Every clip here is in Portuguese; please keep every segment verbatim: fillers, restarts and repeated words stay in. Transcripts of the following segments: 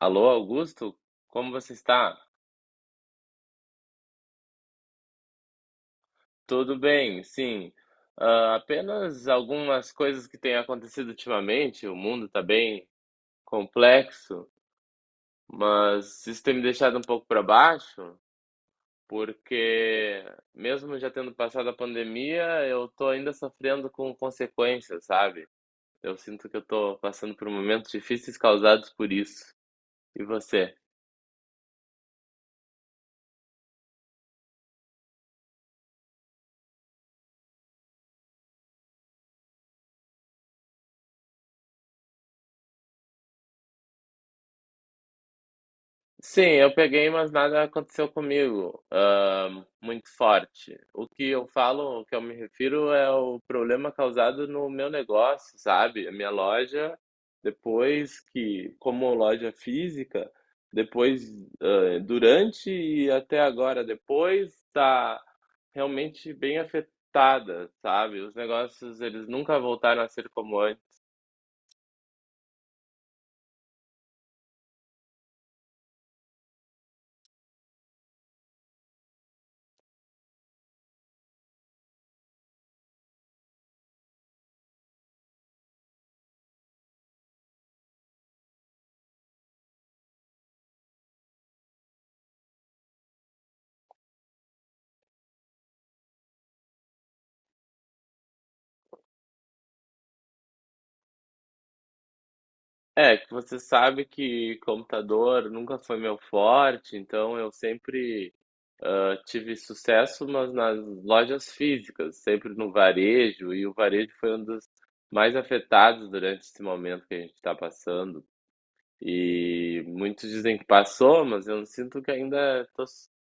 Alô, Augusto? Como você está? Tudo bem, sim. Ah, apenas algumas coisas que têm acontecido ultimamente. O mundo está bem complexo, mas isso tem me deixado um pouco para baixo, porque mesmo já tendo passado a pandemia, eu estou ainda sofrendo com consequências, sabe? Eu sinto que eu estou passando por momentos difíceis causados por isso. E você? Sim, eu peguei, mas nada aconteceu comigo, ah, muito forte. O que eu falo, o que eu me refiro é o problema causado no meu negócio, sabe? A minha loja, depois que, como loja física, depois, ah, durante e até agora depois, tá realmente bem afetada, sabe? Os negócios, eles nunca voltaram a ser como antes. É, que você sabe que computador nunca foi meu forte, então eu sempre eu tive sucesso, mas nas lojas físicas, sempre no varejo, e o varejo foi um dos mais afetados durante esse momento que a gente está passando. E muitos dizem que passou, mas eu sinto que ainda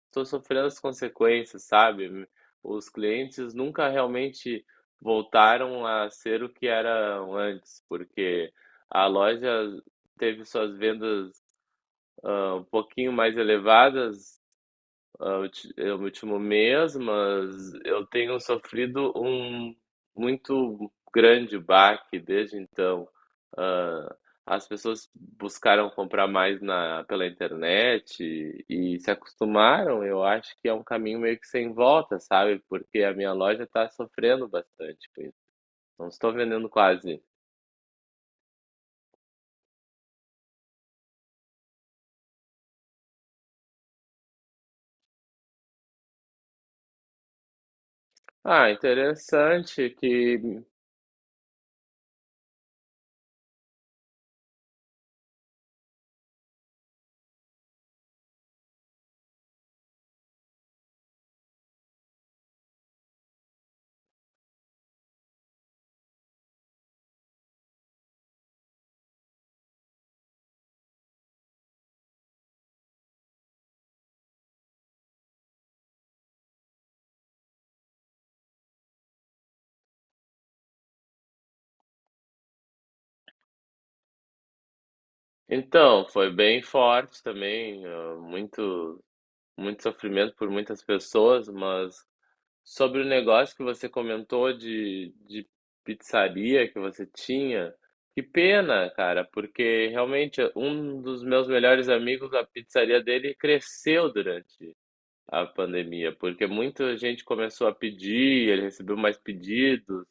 estou sofrendo as consequências, sabe? Os clientes nunca realmente voltaram a ser o que eram antes, porque a loja teve suas vendas ah, um pouquinho mais elevadas ah, ulti- é o último mês, mas eu tenho sofrido um muito grande baque desde então. Ah, As pessoas buscaram comprar mais na, pela internet e, e se acostumaram. Eu acho que é um caminho meio que sem volta, sabe? Porque a minha loja está sofrendo bastante com isso. Não estou vendendo quase. Ah, interessante que. Então, foi bem forte também, ah, muito muito sofrimento por muitas pessoas, mas sobre o negócio que você comentou de, de pizzaria que você tinha, que pena, cara, porque realmente um dos meus melhores amigos, a pizzaria dele cresceu durante a pandemia, porque muita gente começou a pedir, ele recebeu mais pedidos.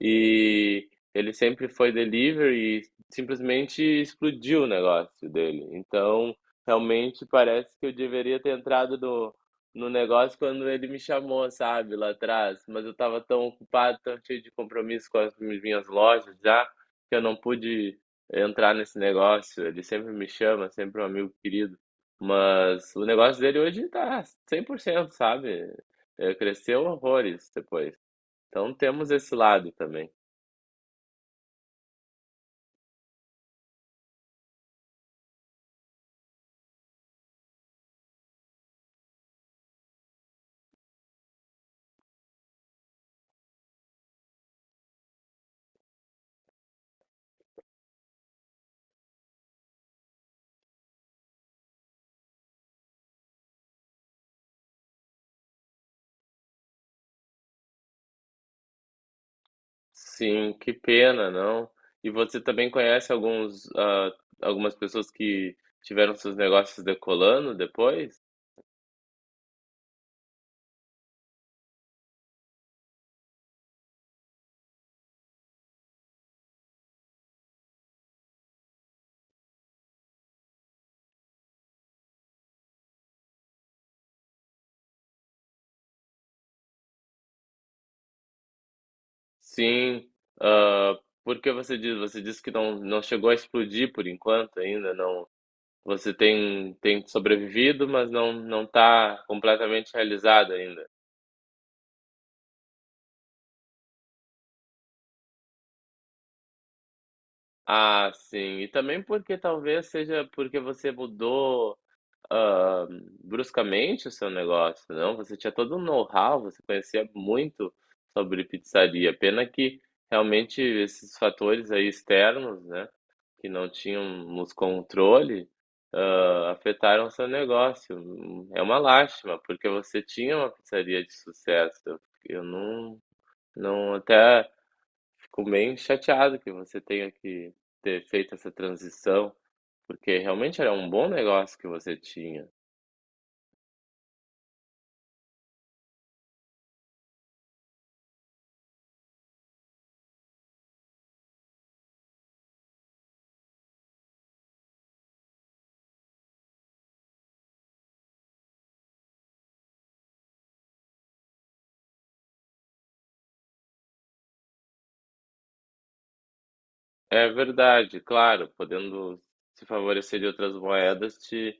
E ele sempre foi delivery e simplesmente explodiu o negócio dele. Então, realmente parece que eu deveria ter entrado no, no negócio quando ele me chamou, sabe, lá atrás. Mas eu estava tão ocupado, tão cheio de compromisso com as minhas lojas já, que eu não pude entrar nesse negócio. Ele sempre me chama, sempre um amigo querido. Mas o negócio dele hoje tá cem por cento, sabe? É, cresceu horrores depois. Então temos esse lado também. Sim, que pena, não. E você também conhece alguns, ah, algumas pessoas que tiveram seus negócios decolando depois? Sim. ah, por que você diz? Você disse que não, não chegou a explodir por enquanto ainda, não. Você tem, tem sobrevivido, mas não não está completamente realizado ainda. Ah, sim. E também porque talvez seja porque você mudou hã, bruscamente o seu negócio, não, você tinha todo um know-how, você conhecia muito sobre pizzaria. Pena que realmente esses fatores aí externos, né, que não tínhamos controle, hã, afetaram o seu negócio. Hum, é uma lástima, porque você tinha uma pizzaria de sucesso. Eu não não até fico bem chateado que você tenha que ter feito essa transição, porque realmente era um bom negócio que você tinha. É verdade, claro, podendo se favorecer de outras moedas te,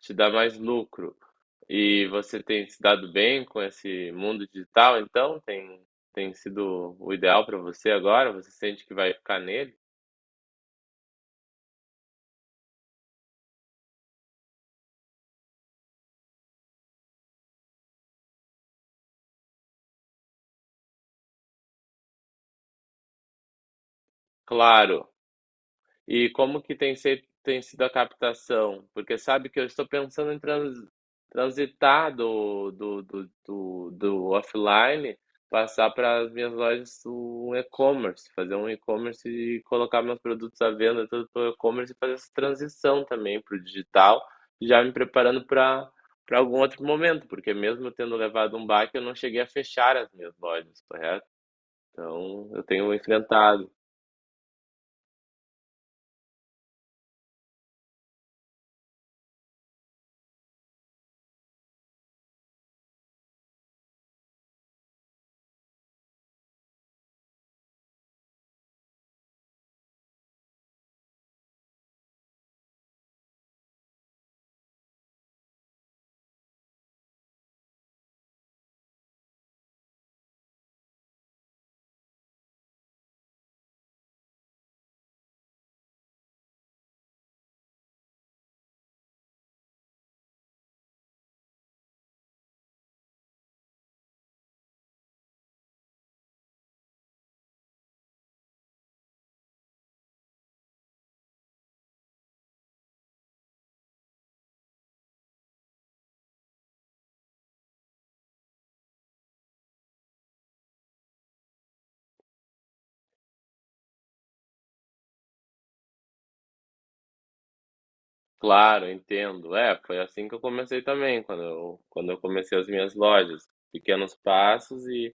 te dá mais lucro. E você tem se dado bem com esse mundo digital, então? Tem, tem sido o ideal para você agora? Você sente que vai ficar nele? Claro, e como que tem, se- tem sido a captação? Porque sabe que eu estou pensando em trans, transitar do, do, do, do, do offline, passar para as minhas lojas um e-commerce, fazer um e-commerce e colocar meus produtos à venda tudo pelo e-commerce e fazer essa transição também para o digital, já me preparando para para algum outro momento, porque mesmo eu tendo levado um baque, eu não cheguei a fechar as minhas lojas, correto? Então, eu tenho enfrentado. Claro, entendo. É, foi assim que eu comecei também, quando eu, quando eu comecei as minhas lojas. Pequenos passos e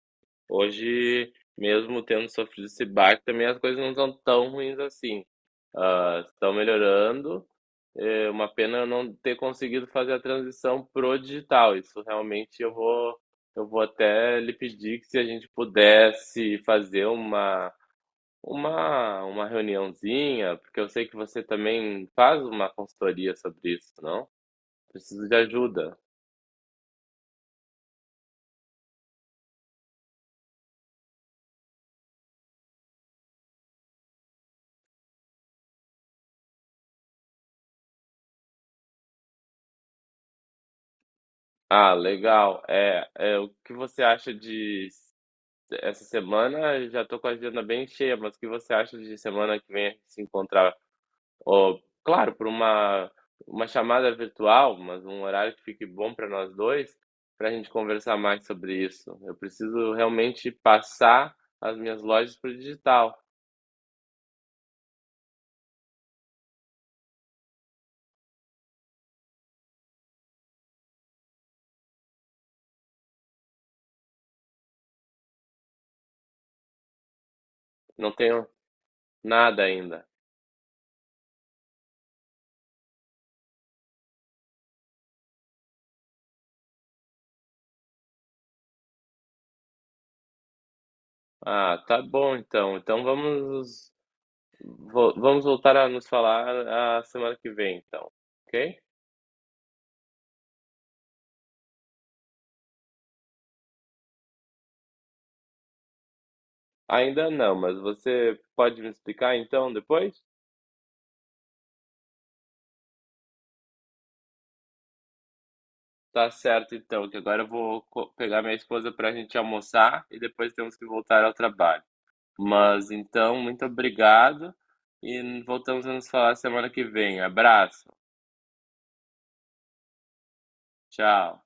hoje, mesmo tendo sofrido esse baque, também as coisas não estão tão ruins assim. Ah, estão melhorando. É uma pena eu não ter conseguido fazer a transição pro digital. Isso realmente eu vou, eu vou até lhe pedir que se a gente pudesse fazer uma uma uma reuniãozinha, porque eu sei que você também faz uma consultoria sobre isso, não? Preciso de ajuda. Ah, legal. É, é, o que você acha de essa semana? Já tô com a agenda bem cheia, mas o que você acha de semana que vem se encontrar? Oh, claro, por uma uma chamada virtual, mas um horário que fique bom para nós dois, para a gente conversar mais sobre isso. Eu preciso realmente passar as minhas lojas para o digital. Não tenho nada ainda. Ah, tá bom então. Então vamos vo- vamos voltar a nos falar a semana que vem, então, ok? Ainda não, mas você pode me explicar então depois? Tá certo então, que agora eu vou co- pegar minha esposa pra gente almoçar e depois temos que voltar ao trabalho. Mas então, muito obrigado e voltamos a nos falar semana que vem. Abraço. Tchau.